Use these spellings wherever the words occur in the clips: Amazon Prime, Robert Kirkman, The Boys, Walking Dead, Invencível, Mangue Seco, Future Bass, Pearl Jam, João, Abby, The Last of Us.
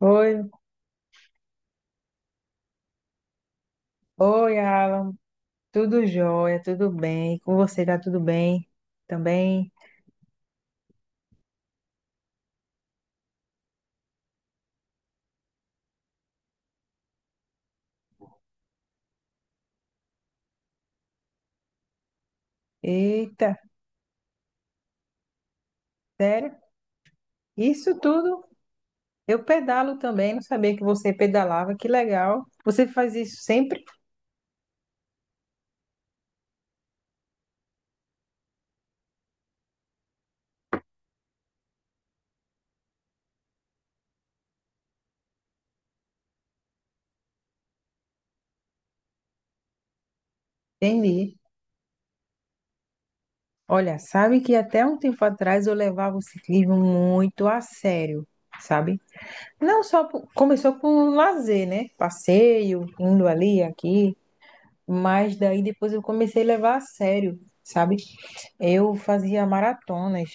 Oi, oi, Alan. Tudo jóia, tudo bem? Com você tá tudo bem também? Eita, sério? Isso tudo? Eu pedalo também, não sabia que você pedalava, que legal. Você faz isso sempre? Entendi. Olha, sabe que até um tempo atrás eu levava o ciclismo muito a sério, sabe? Não só por- Começou com lazer, né? Passeio, indo ali, aqui, mas daí depois eu comecei a levar a sério, sabe? Eu fazia maratonas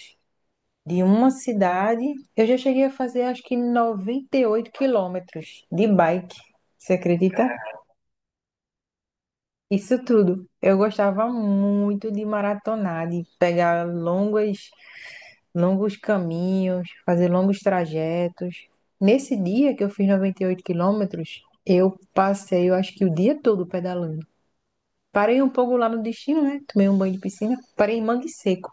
de uma cidade. Eu já cheguei a fazer acho que 98 quilômetros de bike. Você acredita? Isso tudo. Eu gostava muito de maratonar, de pegar longos caminhos, fazer longos trajetos. Nesse dia que eu fiz 98 quilômetros, eu acho que o dia todo pedalando. Parei um pouco lá no destino, né? Tomei um banho de piscina. Parei em Mangue Seco.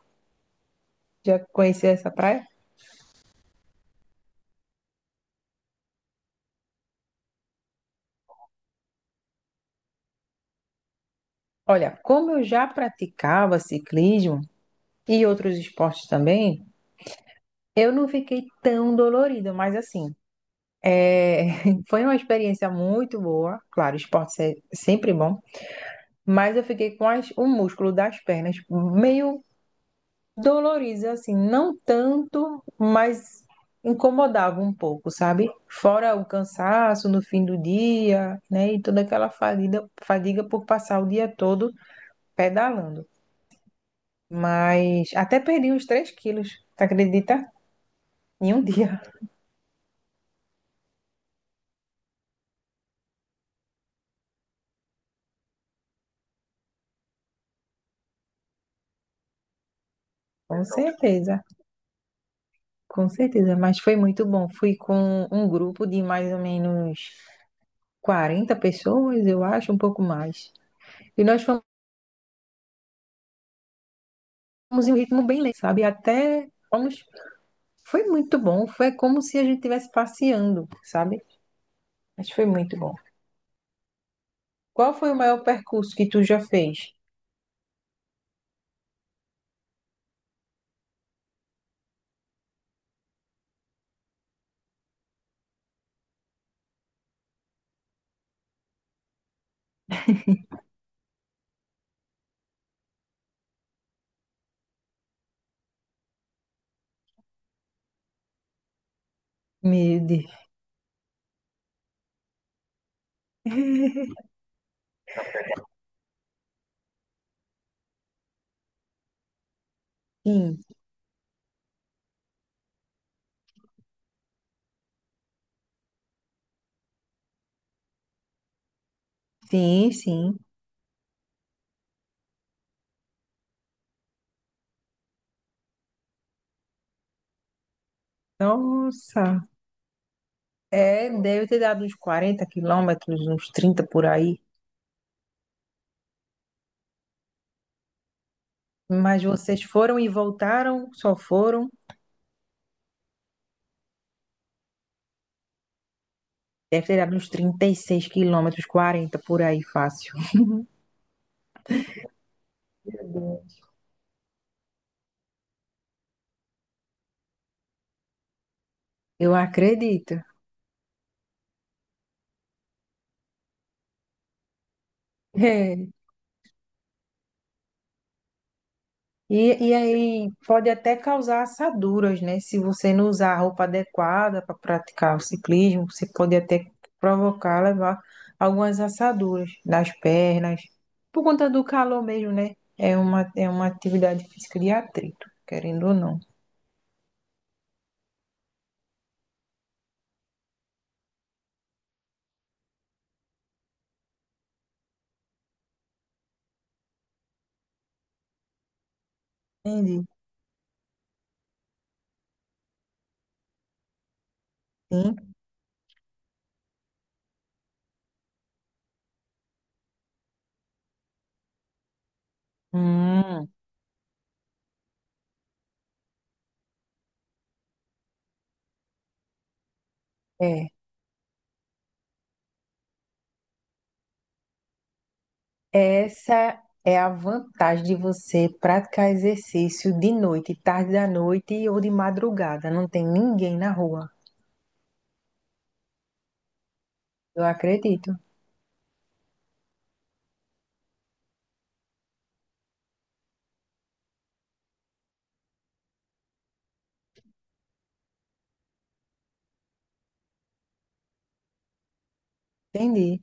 Já conheci essa praia? Olha, como eu já praticava ciclismo e outros esportes também, eu não fiquei tão dolorida, mas assim, é, foi uma experiência muito boa. Claro, esporte é sempre bom, mas eu fiquei com o músculo das pernas meio dolorido, assim, não tanto, mas incomodava um pouco, sabe? Fora o cansaço no fim do dia, né? E toda aquela fadiga por passar o dia todo pedalando. Mas até perdi uns 3 quilos, tu acredita? Em um dia, com certeza, com certeza. Mas foi muito bom. Fui com um grupo de mais ou menos 40 pessoas, eu acho, um pouco mais. E nós fomos em um ritmo bem lento, sabe? Até fomos. Foi muito bom. Foi como se a gente estivesse passeando, sabe? Mas foi muito bom. Qual foi o maior percurso que tu já fez? Meu Deus. Sim, sim, sim. Nossa. É, deve ter dado uns 40 quilômetros, uns 30 por aí. Mas vocês foram e voltaram, só foram. Deve ter dado uns 36 quilômetros, 40 por aí, fácil. Eu acredito. E aí pode até causar assaduras, né? Se você não usar a roupa adequada para praticar o ciclismo, você pode até provocar, levar algumas assaduras nas pernas, por conta do calor mesmo, né? É uma atividade física de atrito, querendo ou não. Entendi. Sim. Hum, é. Essa é a vantagem de você praticar exercício de noite, tarde da noite ou de madrugada. Não tem ninguém na rua. Eu acredito. Entendi.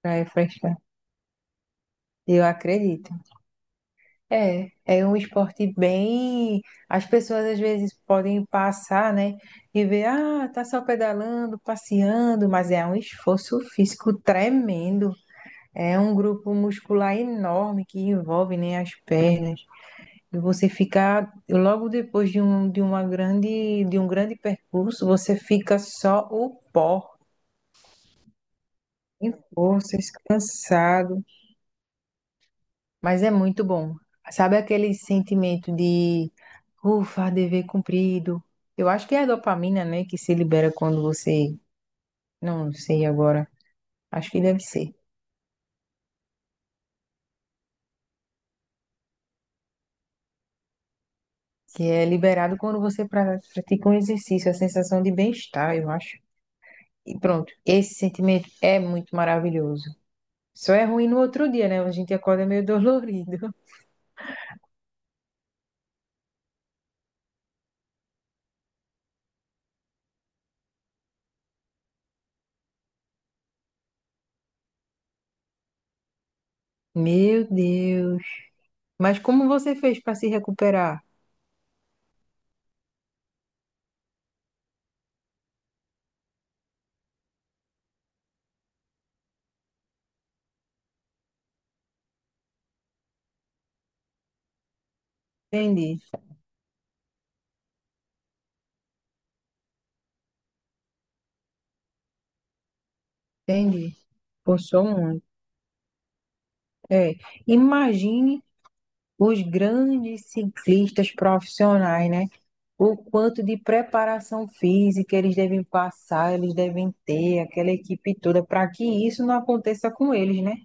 Pra refrescar. Eu acredito. É um esporte bem. As pessoas às vezes podem passar, né? E ver, ah, tá só pedalando, passeando, mas é um esforço físico tremendo. É um grupo muscular enorme que envolve, né, as pernas. E você fica, logo depois de um grande percurso, você fica só o pó, em forças, cansado. Mas é muito bom. Sabe aquele sentimento de ufa, dever cumprido? Eu acho que é a dopamina, né, que se libera quando você. Não, sei agora. Acho que deve ser. Que é liberado quando você pratica um exercício, a sensação de bem-estar, eu acho. E pronto, esse sentimento é muito maravilhoso. Só é ruim no outro dia, né? A gente acorda meio dolorido. Meu Deus. Mas como você fez para se recuperar? Entendi, entendi. Forçou muito. É. Imagine os grandes ciclistas profissionais, né? O quanto de preparação física eles devem passar, eles devem ter, aquela equipe toda, para que isso não aconteça com eles, né?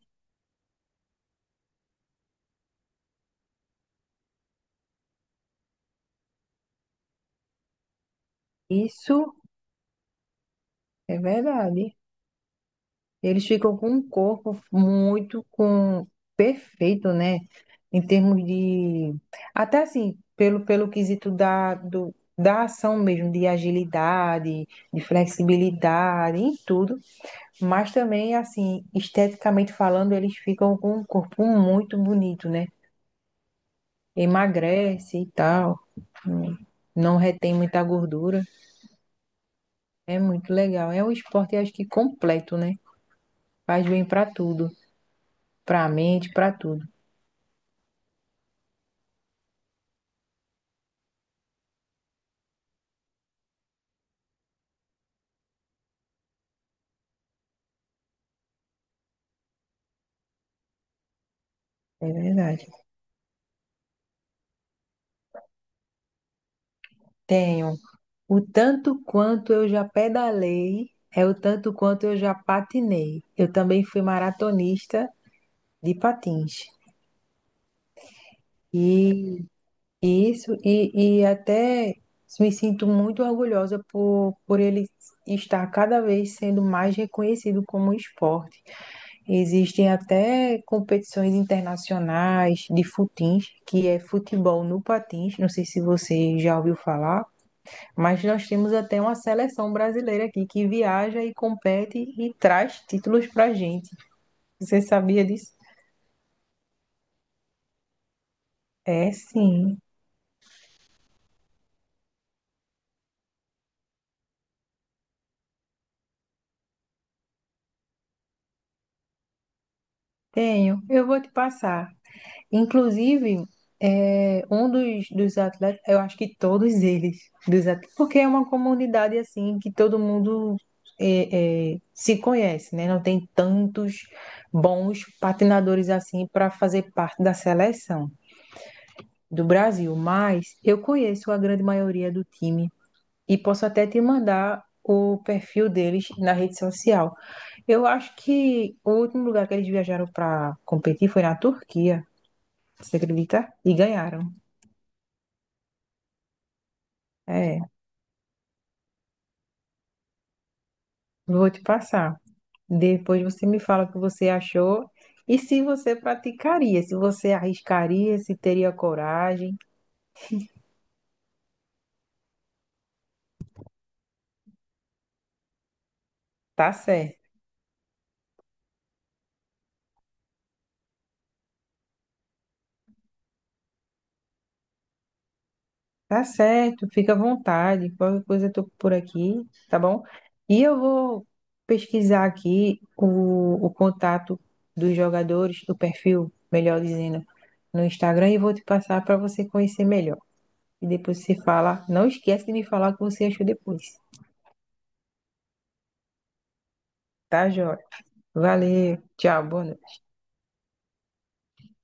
Isso é verdade. Eles ficam com um corpo muito com perfeito, né? Em termos de. Até assim, pelo quesito da ação mesmo, de agilidade, de flexibilidade, em tudo. Mas também, assim, esteticamente falando, eles ficam com um corpo muito bonito, né? Emagrece e tal, hum, não retém muita gordura. É muito legal. É um esporte, acho que completo, né? Faz bem pra tudo, pra mente, pra tudo. É verdade. Tenho. O tanto quanto eu já pedalei é o tanto quanto eu já patinei. Eu também fui maratonista de patins. E isso, e até me sinto muito orgulhosa por ele estar cada vez sendo mais reconhecido como esporte. Existem até competições internacionais de futins, que é futebol no patins, não sei se você já ouviu falar, mas nós temos até uma seleção brasileira aqui que viaja e compete e traz títulos para gente. Você sabia disso? É, sim, tenho. Eu vou te passar. Inclusive, um dos atletas, eu acho que todos eles, dos atletas, porque é uma comunidade assim que todo mundo se conhece, né? Não tem tantos bons patinadores assim para fazer parte da seleção do Brasil, mas eu conheço a grande maioria do time e posso até te mandar o perfil deles na rede social. Eu acho que o último lugar que eles viajaram para competir foi na Turquia, você acredita? E ganharam. É, vou te passar. Depois você me fala o que você achou e se você praticaria, se você arriscaria, se teria coragem. Tá certo, tá certo, fica à vontade. Qualquer coisa eu tô por aqui, tá bom? E eu vou pesquisar aqui o contato dos jogadores, do perfil, melhor dizendo, no Instagram e vou te passar para você conhecer melhor. E depois você fala, não esquece de me falar o que você achou depois, tá, joia? Valeu, tchau, boa noite.